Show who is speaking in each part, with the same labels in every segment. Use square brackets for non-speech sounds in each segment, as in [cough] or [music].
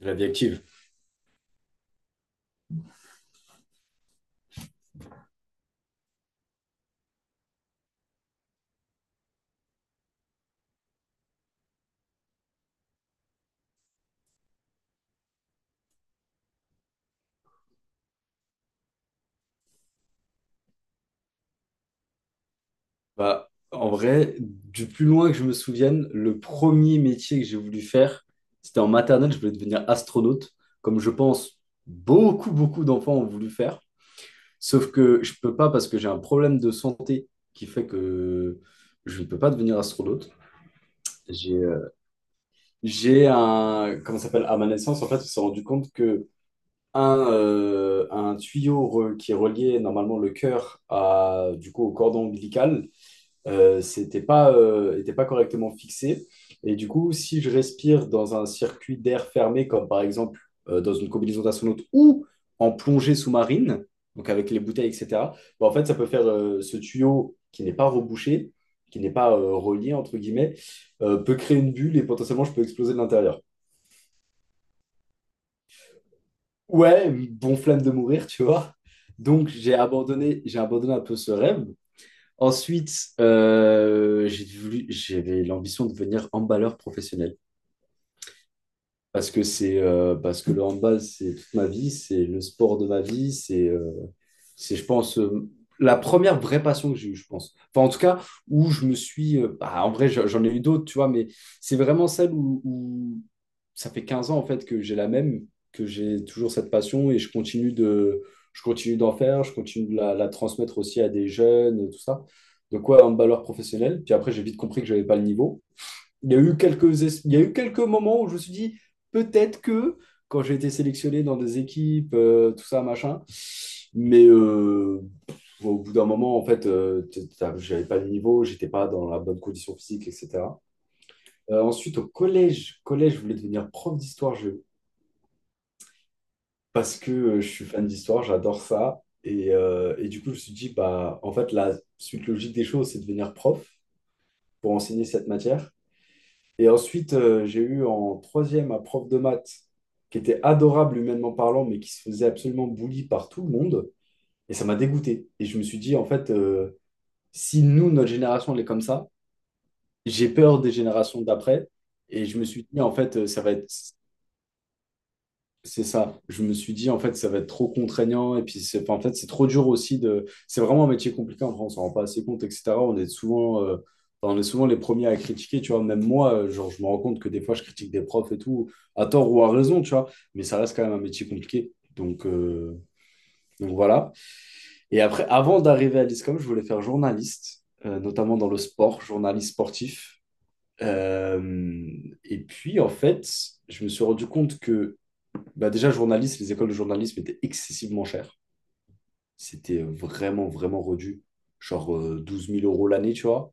Speaker 1: De la vie active. Bah, en vrai, du plus loin que je me souvienne, le premier métier que j'ai voulu faire, c'était en maternelle, je voulais devenir astronaute, comme je pense beaucoup, beaucoup d'enfants ont voulu faire. Sauf que je peux pas parce que j'ai un problème de santé qui fait que je ne peux pas devenir astronaute. J'ai euh, j'ai un, comment ça s'appelle, à ma naissance, en fait, on s'est rendu compte que un tuyau qui reliait normalement le cœur à, du coup, au cordon ombilical, c'était pas, était pas correctement fixé. Et du coup, si je respire dans un circuit d'air fermé, comme par exemple dans une combinaison d'astronaute ou en plongée sous-marine, donc avec les bouteilles, etc., bah, en fait, ça peut faire ce tuyau qui n'est pas rebouché, qui n'est pas relié, entre guillemets, peut créer une bulle et potentiellement je peux exploser de l'intérieur. Ouais, bon flamme de mourir, tu vois. J'ai abandonné un peu ce rêve. Ensuite, j'avais l'ambition de devenir emballeur professionnel. Parce que le handball, c'est toute ma vie, c'est le sport de ma vie, c'est je pense la première vraie passion que j'ai eue, je pense. Enfin, en tout cas, où je me suis bah, en vrai, j'en ai eu d'autres, tu vois, mais c'est vraiment celle où ça fait 15 ans en fait que j'ai la même, que j'ai toujours cette passion et je continue d'en faire, je continue de la transmettre aussi à des jeunes, tout ça. Donc ouais, handballeur professionnel. Puis après, j'ai vite compris que j'avais pas le niveau. Il y a eu quelques moments où je me suis dit, peut-être que, quand j'ai été sélectionné dans des équipes, tout ça, machin, mais bon, au bout d'un moment, en fait, j'avais pas le niveau, j'étais pas dans la bonne condition physique, etc. Ensuite, au collège, je voulais devenir prof d'histoire-géo parce que je suis fan d'histoire, j'adore ça. Et du coup, je me suis dit, bah, en fait, la suite logique des choses, c'est de devenir prof pour enseigner cette matière. Et ensuite, j'ai eu en troisième un prof de maths qui était adorable humainement parlant, mais qui se faisait absolument bully par tout le monde. Et ça m'a dégoûté. Et je me suis dit, en fait, si nous, notre génération, elle est comme ça, j'ai peur des générations d'après. Et je me suis dit, en fait, ça va être, C'est ça. Je me suis dit, en fait, ça va être trop contraignant. Et puis, enfin, en fait, c'est trop dur aussi de. C'est vraiment un métier compliqué en France. On ne rend pas assez compte, etc. Enfin, on est souvent les premiers à critiquer, tu vois. Même moi, genre, je me rends compte que des fois, je critique des profs et tout, à tort ou à raison, tu vois. Mais ça reste quand même un métier compliqué. Donc voilà. Et après, avant d'arriver à l'ISCOM, je voulais faire journaliste, notamment dans le sport, journaliste sportif. Euh, et puis, en fait, je me suis rendu compte que bah déjà, journaliste, les écoles de journalisme étaient excessivement chères. C'était vraiment, vraiment redu. Genre 12 000 euros l'année, tu vois.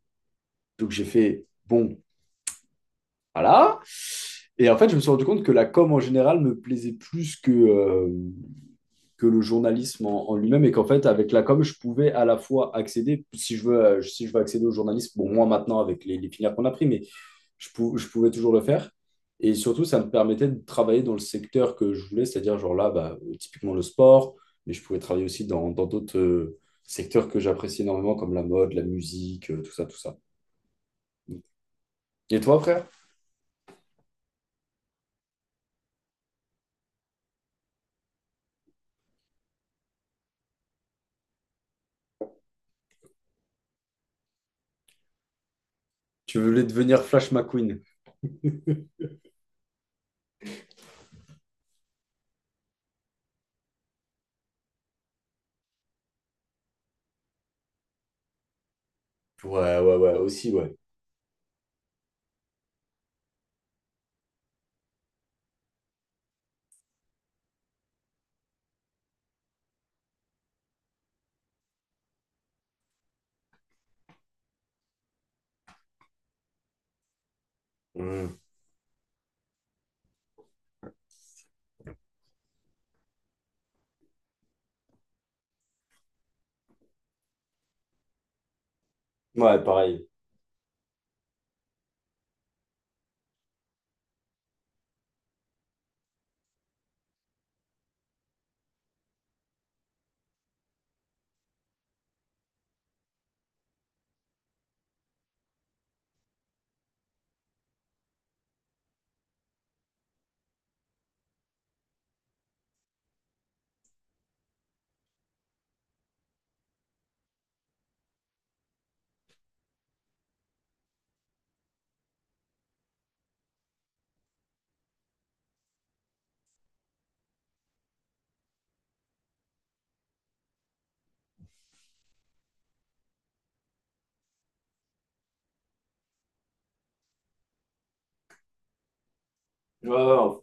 Speaker 1: Donc j'ai fait, bon, voilà. Et en fait, je me suis rendu compte que la com en général me plaisait plus que le journalisme en lui-même. Et qu'en fait, avec la com, je pouvais à la fois accéder, si je veux, si je veux accéder au journalisme, bon, moi maintenant, avec les filières qu'on a pris, mais je pouvais toujours le faire. Et surtout, ça me permettait de travailler dans le secteur que je voulais, c'est-à-dire, genre là, bah, typiquement le sport, mais je pouvais travailler aussi dans d'autres secteurs que j'apprécie énormément, comme la mode, la musique, tout ça, tout ça. Et toi, frère, tu voulais devenir Flash McQueen? Ouais, ouais, ouais, aussi, ouais. Hmm. Ouais, pareil. Ouais, ouais,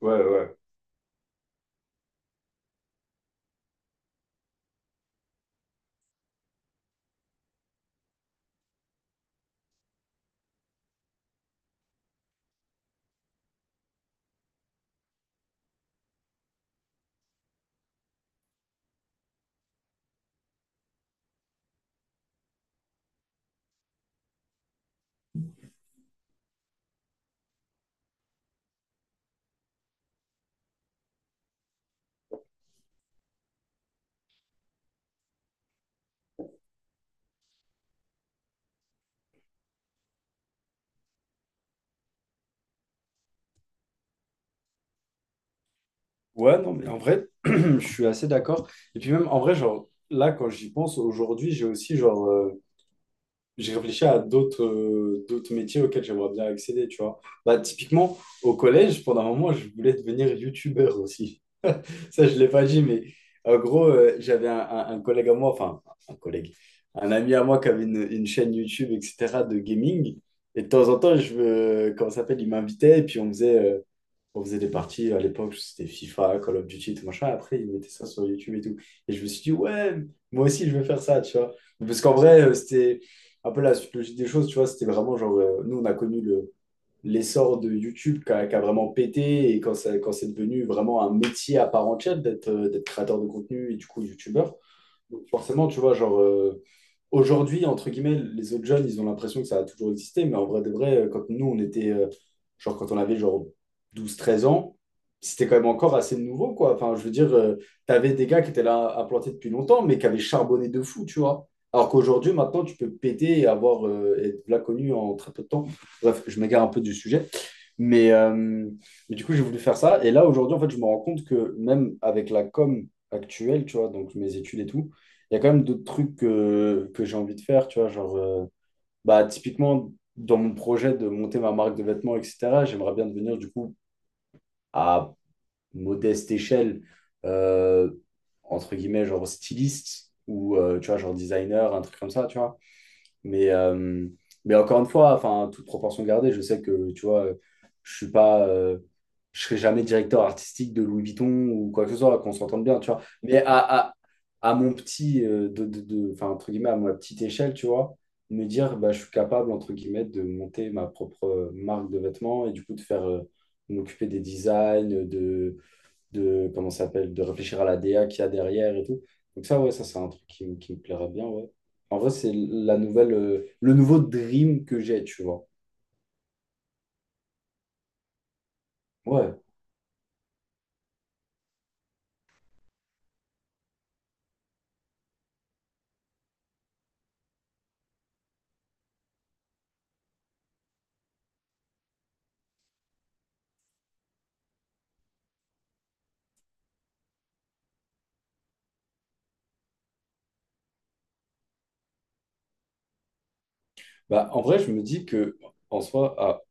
Speaker 1: ouais, ouais. Ouais, non, mais en vrai, [clears throat] je suis assez d'accord. Et puis même, en vrai, genre, là, quand j'y pense, aujourd'hui, j'ai aussi, genre, j'ai réfléchi à d'autres d'autres métiers auxquels j'aimerais bien accéder, tu vois. Bah, typiquement, au collège, pendant un moment, je voulais devenir youtubeur aussi. [laughs] Ça, je ne l'ai pas dit, mais en gros, j'avais un collègue à moi, enfin, un collègue, un ami à moi qui avait une chaîne YouTube, etc., de gaming. Et de temps en temps, comment ça s'appelle, il m'invitait et puis on faisait des parties à l'époque, c'était FIFA, Call of Duty, tout machin. Après, ils mettaient ça sur YouTube et tout. Et je me suis dit, ouais, moi aussi, je vais faire ça, tu vois. Parce qu'en vrai, c'était un peu la suite logique des choses, tu vois. C'était vraiment genre, nous, on a connu l'essor de YouTube qui a vraiment pété et quand, ça, quand c'est devenu vraiment un métier à part entière d'être d'être créateur de contenu et du coup, YouTubeur. Donc, forcément, tu vois, aujourd'hui, entre guillemets, les autres jeunes, ils ont l'impression que ça a toujours existé, mais en vrai de vrai, quand nous, genre, quand on avait genre 12, 13 ans, c'était quand même encore assez nouveau, quoi. Enfin, je veux dire, t'avais des gars qui étaient là à planter depuis longtemps, mais qui avaient charbonné de fou, tu vois. Alors qu'aujourd'hui, maintenant, tu peux péter et avoir, être là connu en très peu de temps. Bref, je m'égare un peu du sujet. Mais, euh, mais du coup, j'ai voulu faire ça. Et là, aujourd'hui, en fait, je me rends compte que même avec la com actuelle, tu vois, donc mes études et tout, il y a quand même d'autres trucs que j'ai envie de faire, tu vois, bah, typiquement, dans mon projet de monter ma marque de vêtements, etc., j'aimerais bien devenir, du coup, à modeste échelle, euh, entre guillemets, genre styliste ou, tu vois, genre designer, un truc comme ça, tu vois. Mais, euh, mais encore une fois, enfin, toute proportion gardée, je sais que, tu vois, je suis pas, je serai jamais directeur artistique de Louis Vuitton ou quoi que ce soit, qu'on s'entende bien, tu vois. Mais à, à mon petit, enfin, entre guillemets, à ma petite échelle, tu vois, me dire, bah, je suis capable, entre guillemets, de monter ma propre marque de vêtements et du coup, de faire, m'occuper des designs, de comment ça s'appelle, de réfléchir à la DA qu'il y a derrière et tout. Donc ça, ouais, ça c'est un truc qui me plairait bien, ouais. En vrai, c'est la nouvelle, le nouveau dream que j'ai, tu vois. Ouais. Bah, en vrai, je me dis que en soi,